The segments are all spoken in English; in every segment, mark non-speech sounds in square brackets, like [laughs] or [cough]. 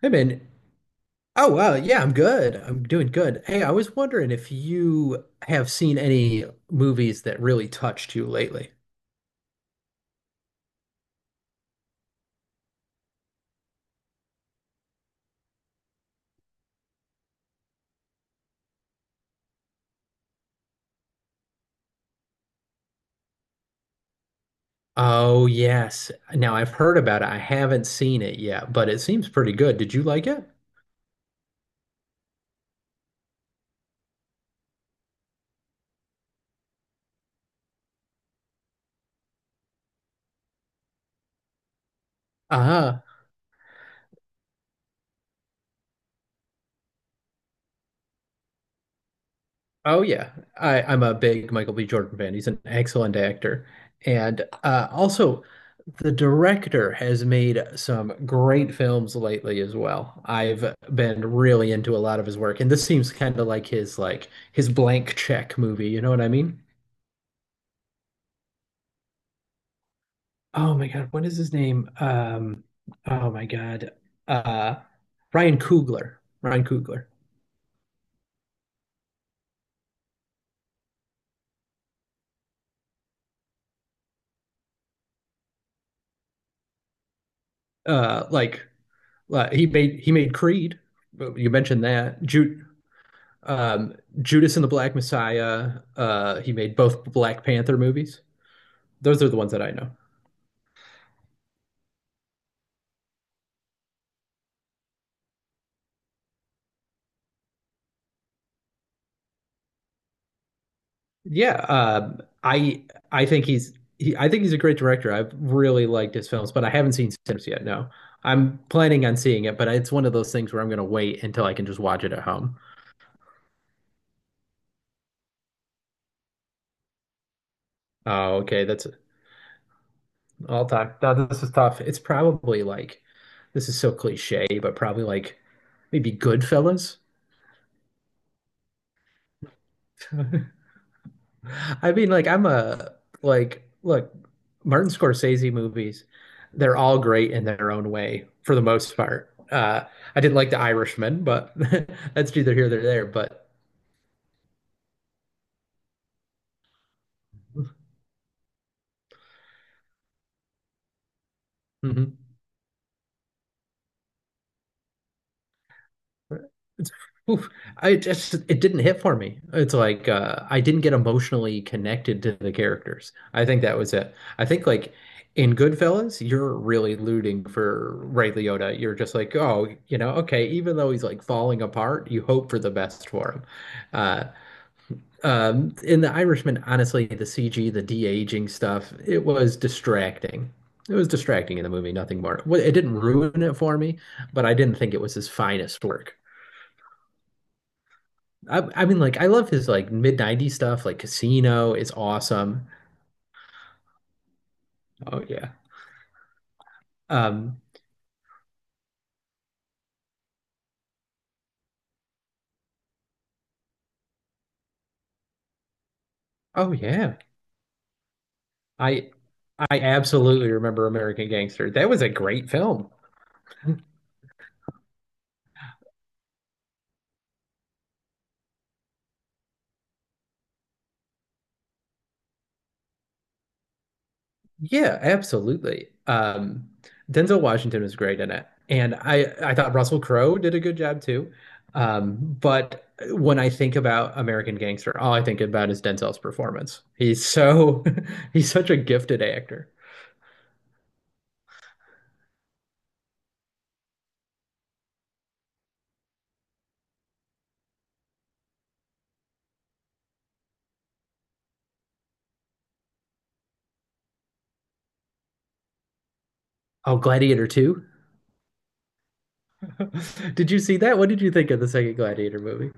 Hey man. Oh wow, yeah, I'm good. I'm doing good. Hey, I was wondering if you have seen any movies that really touched you lately. Oh yes. Now I've heard about it. I haven't seen it yet, but it seems pretty good. Did you like it? Uh huh. Oh yeah, I'm a big Michael B. Jordan fan. He's an excellent actor, and also the director has made some great films lately as well. I've been really into a lot of his work, and this seems kind of like his blank check movie. You know what I mean? Oh my God, what is his name? Oh my God, uh, Ryan Coogler. Ryan Coogler. Uh, like he made Creed. You mentioned that. Ju Um, Judas and the Black Messiah. He made both Black Panther movies. Those are the ones that I know. Yeah, I think I think he's a great director. I've really liked his films, but I haven't seen Sims yet. No, I'm planning on seeing it, but it's one of those things where I'm going to wait until I can just watch it at home. Oh, okay, that's all time. No, this is tough. It's probably like this is so cliche, but probably like maybe Goodfellas. [laughs] I mean, like I'm a like look, Martin Scorsese movies, they're all great in their own way for the most part. I didn't like The Irishman, but [laughs] that's neither here nor there. But [laughs] It's, oof, I just it didn't hit for me. It's like I didn't get emotionally connected to the characters. I think that was it. I think like in Goodfellas, you're really rooting for Ray Liotta. You're just like, oh, you know, okay, even though he's like falling apart, you hope for the best for him. Uh, in The Irishman, honestly, the CG, the de-aging stuff, it was distracting. It was distracting in the movie, nothing more. Well, it didn't ruin it for me, but I didn't think it was his finest work. I mean like I love his like mid 90s stuff like Casino is awesome. Oh yeah. Um oh yeah. I I absolutely remember American Gangster. That was a great film. Yeah, absolutely. Um, Denzel Washington was great in it. And I thought Russell Crowe did a good job too. Um, but when I think about American Gangster, all I think about is Denzel's performance. He's so [laughs] he's such a gifted actor. Oh, Gladiator 2? [laughs] Did you see that? What did you think of the second Gladiator movie?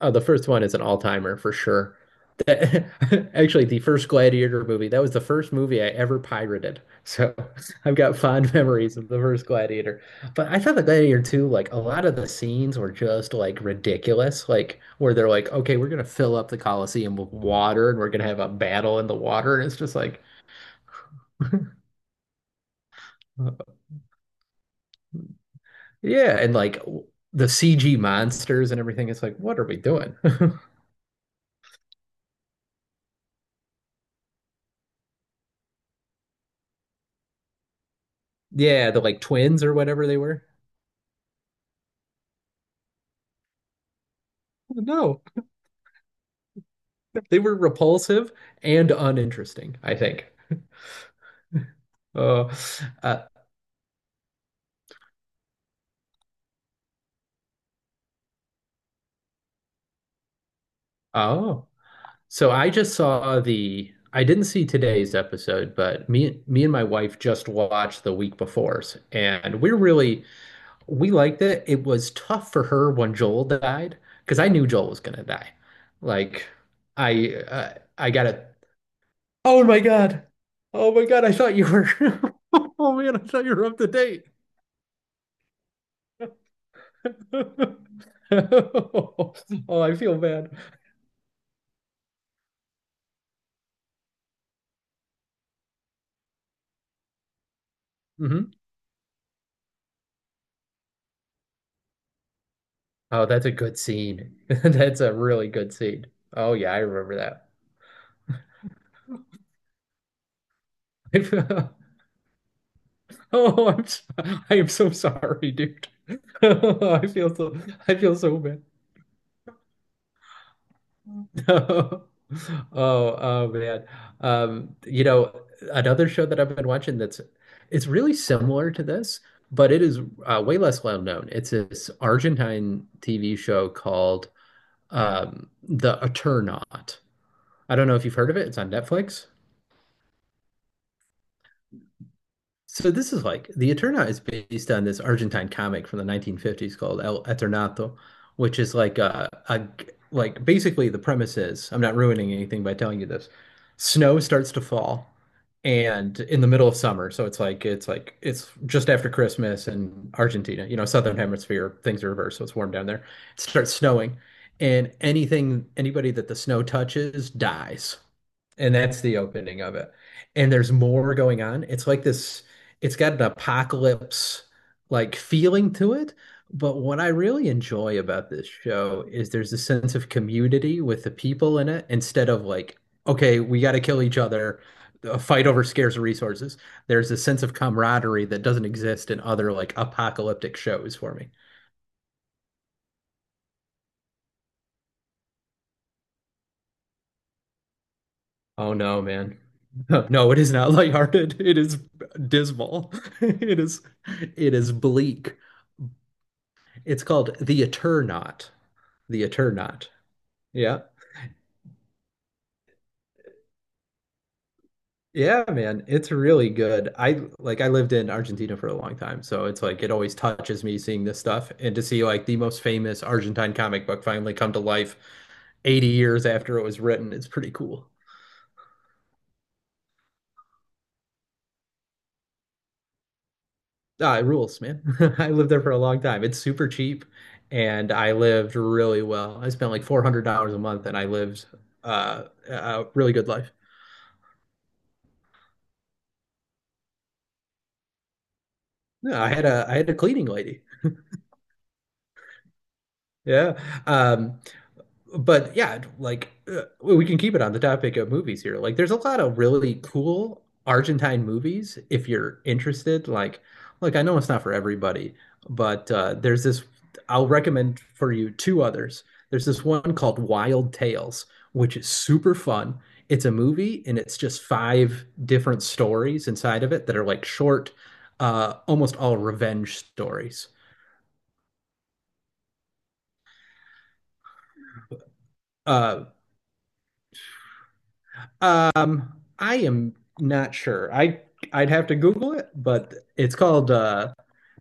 Oh, the first one is an all-timer for sure. That, [laughs] actually, the first Gladiator movie, that was the first movie I ever pirated. So [laughs] I've got fond memories of the first Gladiator. But I thought the Gladiator 2, like a lot of the scenes were just like ridiculous, like where they're like, okay, we're gonna fill up the Colosseum with water and we're gonna have a battle in the water. And it's just like, "Uh, yeah, and like the CG monsters and everything. It's like, what are we doing? [laughs] Yeah, the like twins or whatever they were. No. They were repulsive and uninteresting, I think. Uh, uh, oh, so I just saw the. I didn't see today's episode, but me and my wife just watched the week before's, and we really we liked it. It was tough for her when Joel died because I knew Joel was gonna die. Like, I got it. Oh my God! Oh my God! I thought you were. [laughs] Oh man, I thought you were up to date. [laughs] Oh, I feel bad. Hmm. Oh, that's a good scene. [laughs] That's a really good scene. Oh yeah, I remember that. [laughs] Oh, I am so sorry, dude. [laughs] I feel so I feel so bad. [laughs] Oh, oh man. You know, another show that I've been watching that's it's really similar to this, but it is way less well known. It's this Argentine TV show called The Eternaut. I don't know if you've heard of it. It's on Netflix. So this is like The Eternaut is based on this Argentine comic from the 1950s called El Eternato, which is like a like basically the premise is I'm not ruining anything by telling you this. Snow starts to fall and in the middle of summer, so it's like it's just after Christmas in Argentina, you know, southern hemisphere, things are reversed, so it's warm down there. It starts snowing and anything anybody that the snow touches dies. And that's the opening of it. And there's more going on. It's like this, it's got an apocalypse like feeling to it. But what I really enjoy about this show is there's a sense of community with the people in it instead of like, okay, we got to kill each other, a fight over scarce resources. There's a sense of camaraderie that doesn't exist in other like apocalyptic shows for me. Oh no, man. [laughs] No, it is not [laughs] lighthearted. It is dismal. [laughs] It is it is bleak. It's called The Eternaut. The Eternaut. Yeah. Yeah, man. It's really good. I lived in Argentina for a long time, so it's like it always touches me seeing this stuff and to see like the most famous Argentine comic book finally come to life 80 years after it was written. It's pretty cool. Ah, it rules, man. [laughs] I lived there for a long time. It's super cheap and I lived really well. I spent like $400 a month and I lived a really good life. Yeah, I had a cleaning lady. Yeah. Um, but yeah, like we can keep it on the topic of movies here. Like, there's a lot of really cool Argentine movies if you're interested. Like I know it's not for everybody, but there's this. I'll recommend for you two others. There's this one called Wild Tales, which is super fun. It's a movie, and it's just five different stories inside of it that are like short, almost all revenge stories. Uh, I am not sure. I'd have to Google it, but it's called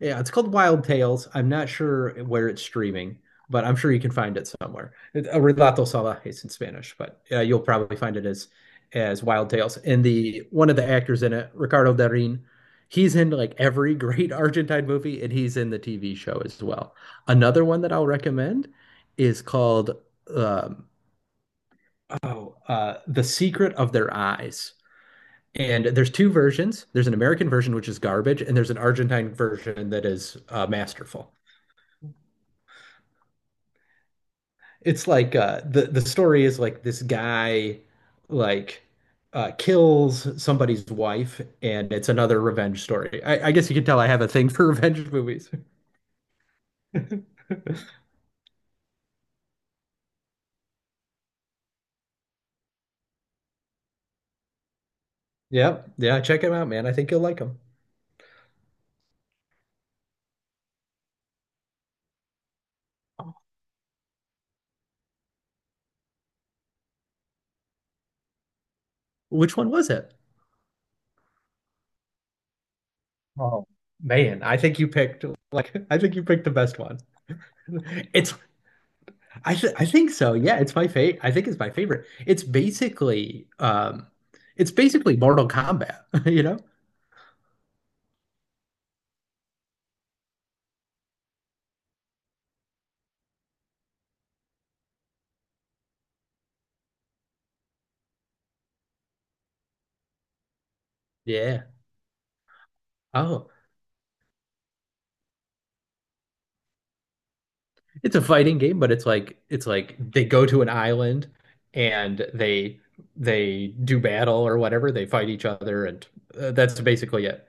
yeah, it's called Wild Tales. I'm not sure where it's streaming, but I'm sure you can find it somewhere. Relato Salvajes in Spanish, but you'll probably find it as Wild Tales. And the one of the actors in it, Ricardo Darín, he's in like every great [laughs] Argentine movie, and he's in the TV show as well. Another one that I'll recommend is called um, oh, The Secret of Their Eyes. And there's two versions. There's an American version, which is garbage, and there's an Argentine version that is masterful. It's like the story is like this guy like kills somebody's wife, and it's another revenge story. I guess you can tell I have a thing for revenge movies. [laughs] Yeah, yeah, check him out, man. I think you'll like him. Which one was it? Oh man, I think you picked the best one. [laughs] It's I think so. Yeah, it's my favorite. I think it's my favorite. It's basically Mortal Kombat, [laughs] you know? Yeah. Oh, it's a fighting game, but it's like they go to an island and they do battle or whatever. They fight each other and that's basically it.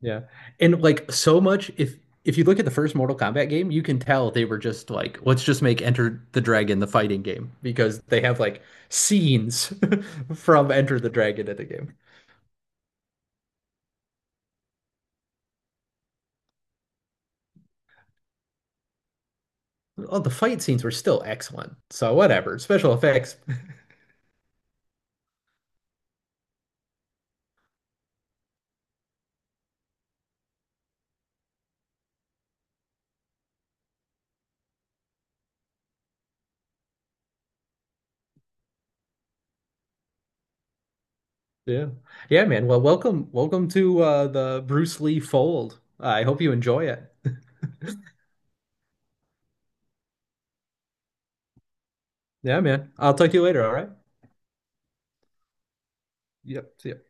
Yeah. And like so much if you look at the first Mortal Kombat game, you can tell they were just like, let's just make Enter the Dragon the fighting game because they have like scenes [laughs] from Enter the Dragon in the game. All the fight scenes were still excellent. So whatever. Special effects. [laughs] Yeah. Yeah, man. Well, welcome to the Bruce Lee fold. I hope you enjoy it. Yeah, man. I'll talk to you later, all right? Yep. See ya.